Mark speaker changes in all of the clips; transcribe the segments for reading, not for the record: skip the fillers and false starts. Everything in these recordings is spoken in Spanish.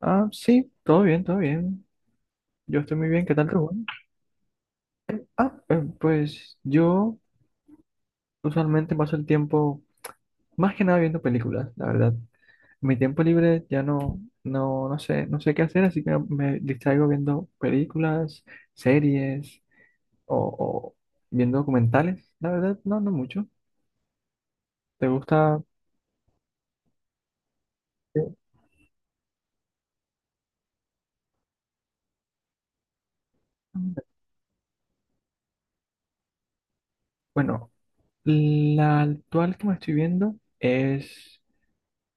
Speaker 1: Ah, sí, todo bien, todo bien. Yo estoy muy bien, ¿qué tal tú, Juan? Pues yo usualmente paso el tiempo más que nada viendo películas, la verdad. Mi tiempo libre ya no sé, no sé qué hacer, así que me distraigo viendo películas, series o viendo documentales. La verdad, no, no mucho. ¿Te gusta? eh, Bueno, la actual que me estoy viendo es,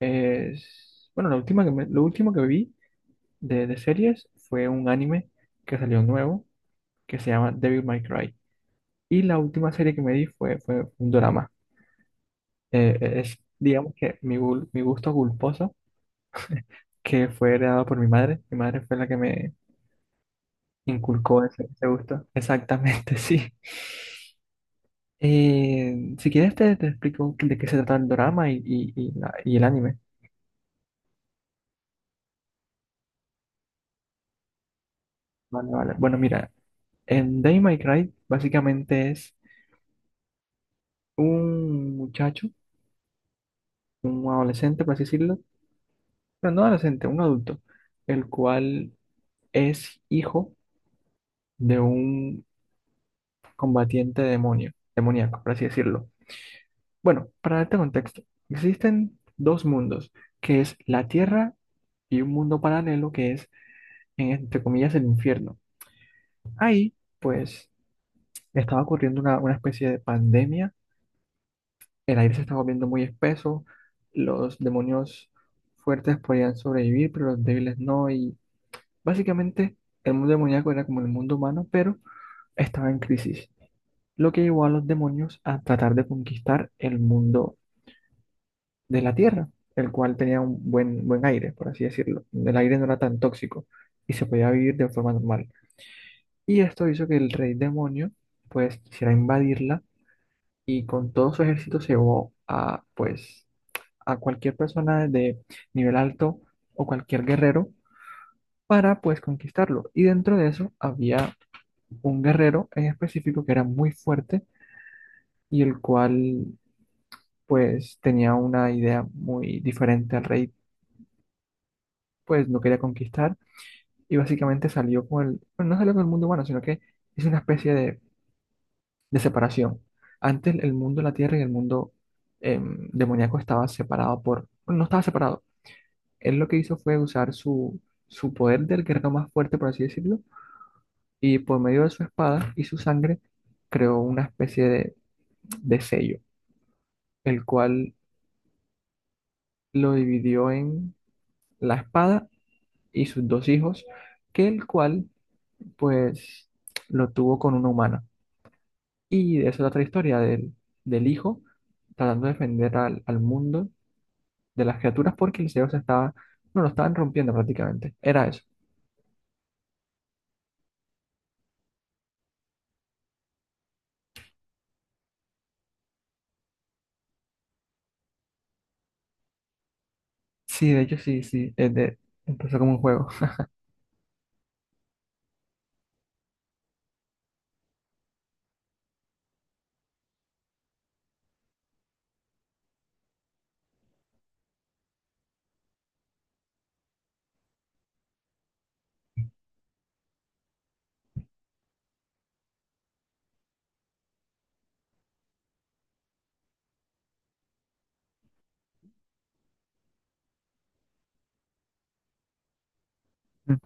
Speaker 1: es, bueno, la última que lo último que vi. De series fue un anime que salió nuevo que se llama Devil May Cry. Y la última serie que me di fue un drama. Es, digamos que mi gusto culposo, que fue heredado por mi madre. Mi madre fue la que me inculcó ese gusto. Exactamente, sí. Si quieres te explico de qué se trata el drama y el anime. Vale, vale. Bueno, mira, en Devil May Cry básicamente es un muchacho, un adolescente, por así decirlo, pero no adolescente, un adulto, el cual es hijo de un combatiente demonio, demoníaco, por así decirlo. Bueno, para darte contexto, existen dos mundos, que es la Tierra y un mundo paralelo que es, entre comillas, el infierno. Ahí, pues, estaba ocurriendo una especie de pandemia, el aire se estaba volviendo muy espeso, los demonios fuertes podían sobrevivir, pero los débiles no, y básicamente el mundo demoníaco era como el mundo humano, pero estaba en crisis, lo que llevó a los demonios a tratar de conquistar el mundo de la Tierra, el cual tenía un buen, buen aire, por así decirlo. El aire no era tan tóxico y se podía vivir de forma normal. Y esto hizo que el rey demonio pues quisiera invadirla y con todo su ejército se llevó a pues a cualquier persona de nivel alto o cualquier guerrero para pues conquistarlo. Y dentro de eso había un guerrero en específico que era muy fuerte y el cual pues tenía una idea muy diferente al rey, pues no quería conquistar y básicamente salió con el, bueno, no salió con el mundo humano, sino que es una especie de separación. Antes el mundo de la tierra y el mundo demoníaco estaba separado por, bueno, no estaba separado. Él lo que hizo fue usar su poder del guerrero más fuerte, por así decirlo, y por medio de su espada y su sangre creó una especie de sello, el cual lo dividió en la espada y sus dos hijos, que el cual pues lo tuvo con una humana. Y de eso es otra historia del hijo tratando de defender al mundo de las criaturas porque el cielo se estaba, no, lo estaban rompiendo prácticamente. Era eso. Sí, de hecho sí, sí, empezó como un juego. Mm.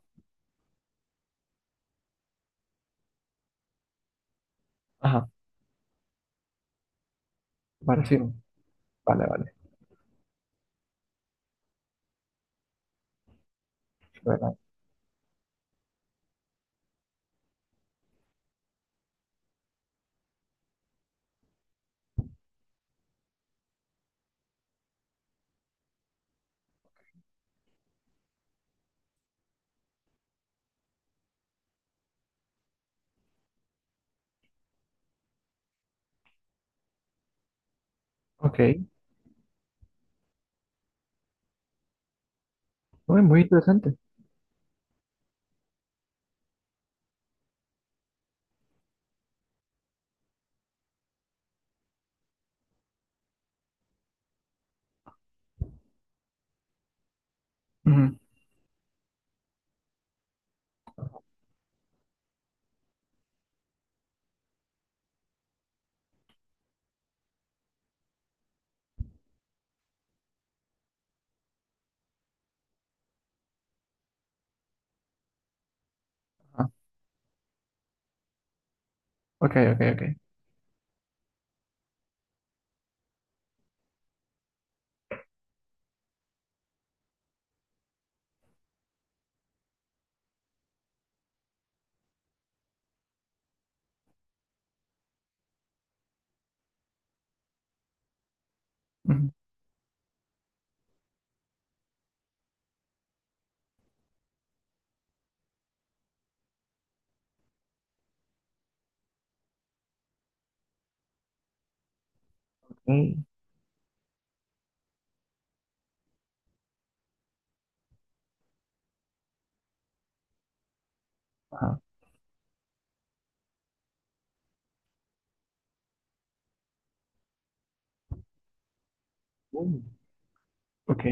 Speaker 1: Ajá, pareció. Vale, vale. Bueno, ok, muy, muy interesante. Ujú. Ajá. Ok, ok, ok. Ujú. Ok, ajá. Uh, ok,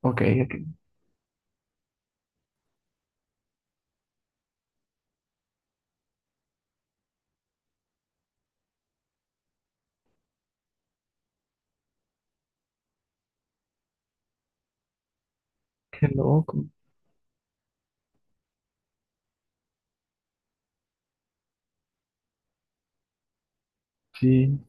Speaker 1: ok, ok. Qué loco. Sí.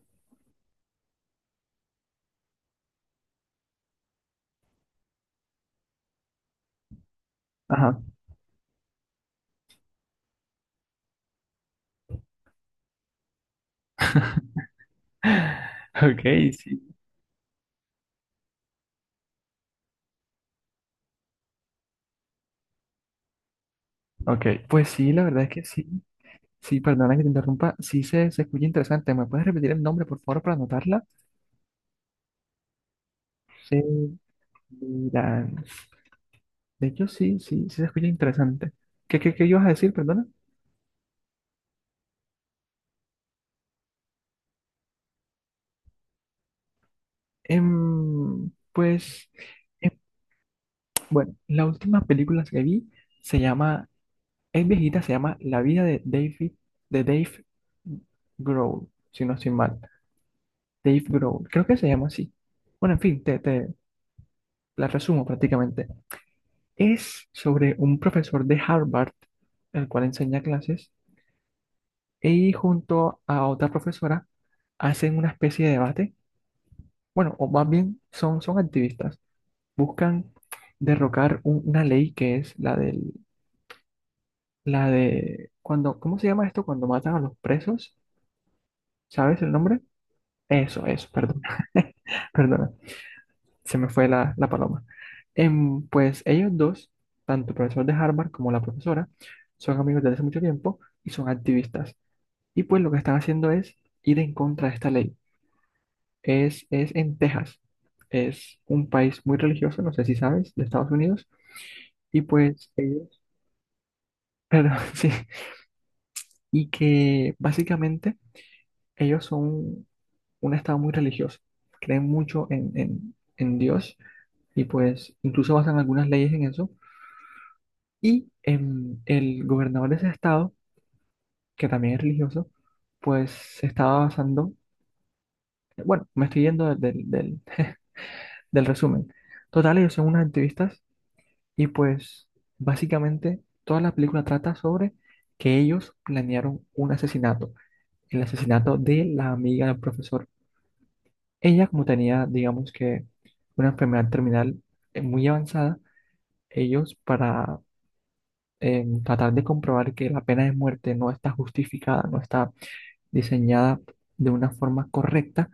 Speaker 1: Ajá. Ok, sí. Ok, pues sí, la verdad es que sí. Sí, perdona que te interrumpa. Sí, se escucha interesante. ¿Me puedes repetir el nombre, por favor, para anotarla? Severance. De hecho, sí, sí, sí se escucha interesante. ¿Qué, qué, qué ibas a decir, perdona? Em, pues, em, bueno, la última película que vi se llama, es viejita, se llama La vida de David, de Dave Grohl, si no estoy mal. Dave Grohl, creo que se llama así. Bueno, en fin, te la resumo prácticamente. Es sobre un profesor de Harvard, el cual enseña clases, y junto a otra profesora hacen una especie de debate. Bueno, o más bien son activistas. Buscan derrocar una ley que es la del, la de cuando, ¿cómo se llama esto? Cuando matan a los presos, ¿sabes el nombre? Eso, perdón. Perdona. Se me fue la, la paloma. Em, pues ellos dos, tanto el profesor de Harvard como la profesora, son amigos desde hace mucho tiempo y son activistas. Y pues lo que están haciendo es ir en contra de esta ley. Es en Texas. Es un país muy religioso, no sé si sabes, de Estados Unidos. Y pues ellos, perdón, sí, y que básicamente ellos son un estado muy religioso. Creen mucho en Dios y pues incluso basan algunas leyes en eso. Y el gobernador de ese estado, que también es religioso, pues se estaba basando, bueno, me estoy yendo del resumen. Total, ellos son unos activistas y pues básicamente toda la película trata sobre que ellos planearon un asesinato, el asesinato de la amiga del profesor. Ella, como tenía, digamos que, una enfermedad terminal muy avanzada, ellos para tratar de comprobar que la pena de muerte no está justificada, no está diseñada de una forma correcta,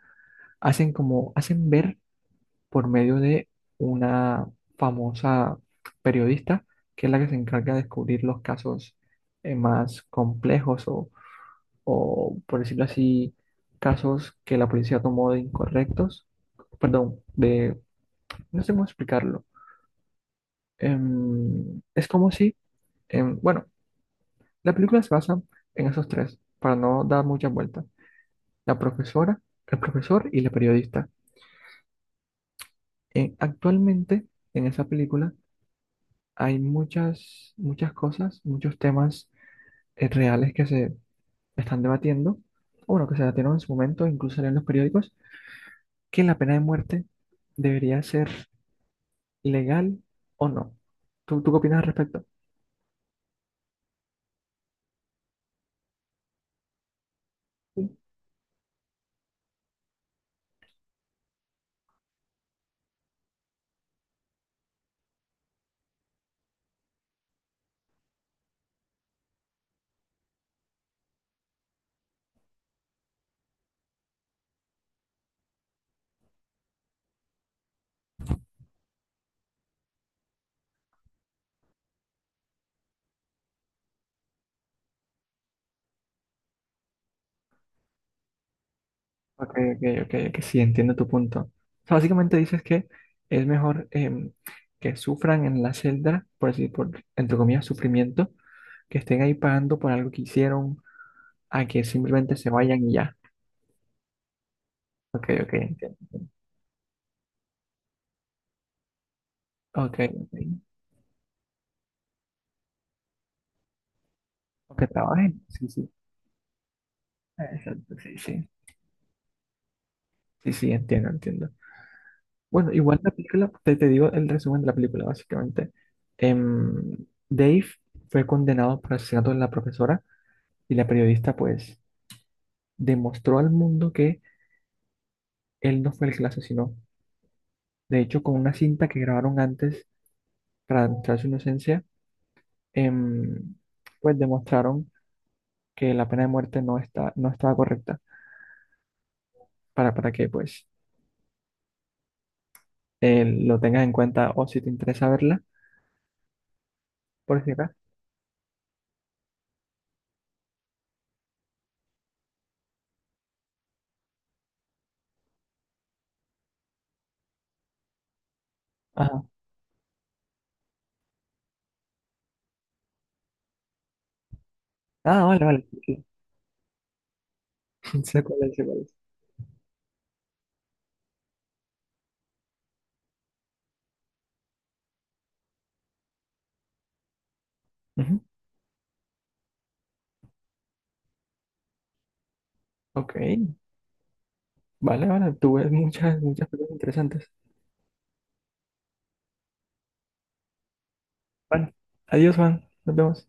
Speaker 1: hacen como, hacen ver por medio de una famosa periodista, que es la que se encarga de descubrir los casos más complejos o, por decirlo así, casos que la policía tomó de incorrectos, perdón, de, no sé cómo explicarlo. Em, es como si, em, bueno, la película se basa en esos tres, para no dar muchas vueltas. La profesora, el profesor y la periodista. Actualmente, en esa película, hay muchas, muchas cosas, muchos temas reales que se están debatiendo, o bueno, que se debatieron en su momento, incluso en los periódicos, que la pena de muerte debería ser legal o no. ¿Tú, tú qué opinas al respecto? Ok, ok, ok, que sí, entiendo tu punto. O sea, básicamente dices que es mejor que sufran en la celda, por decir, por, entre comillas, sufrimiento, que estén ahí pagando por algo que hicieron, a que simplemente se vayan y ya. Ok, ok, entiendo, entiendo. Ok, ok. Aunque trabajen. Sí, sí. Exacto, sí, sí. Sí, sí, entiendo, entiendo. Bueno, igual la película, te digo el resumen de la película, básicamente. Em, Dave fue condenado por el asesinato de la profesora y la periodista, pues, demostró al mundo que él no fue el que la asesinó. De hecho, con una cinta que grabaron antes para demostrar su inocencia, em, pues demostraron que la pena de muerte no está, no estaba correcta para que, pues, lo tengas en cuenta o si te interesa verla, por si acaso. Ajá. Ah, vale, vale. Sí, sí. Sé cuál es, sé cuál es. Ujú. Ok, vale, vale. Tú ves muchas, muchas cosas interesantes. Vale. Adiós, Juan. Nos vemos.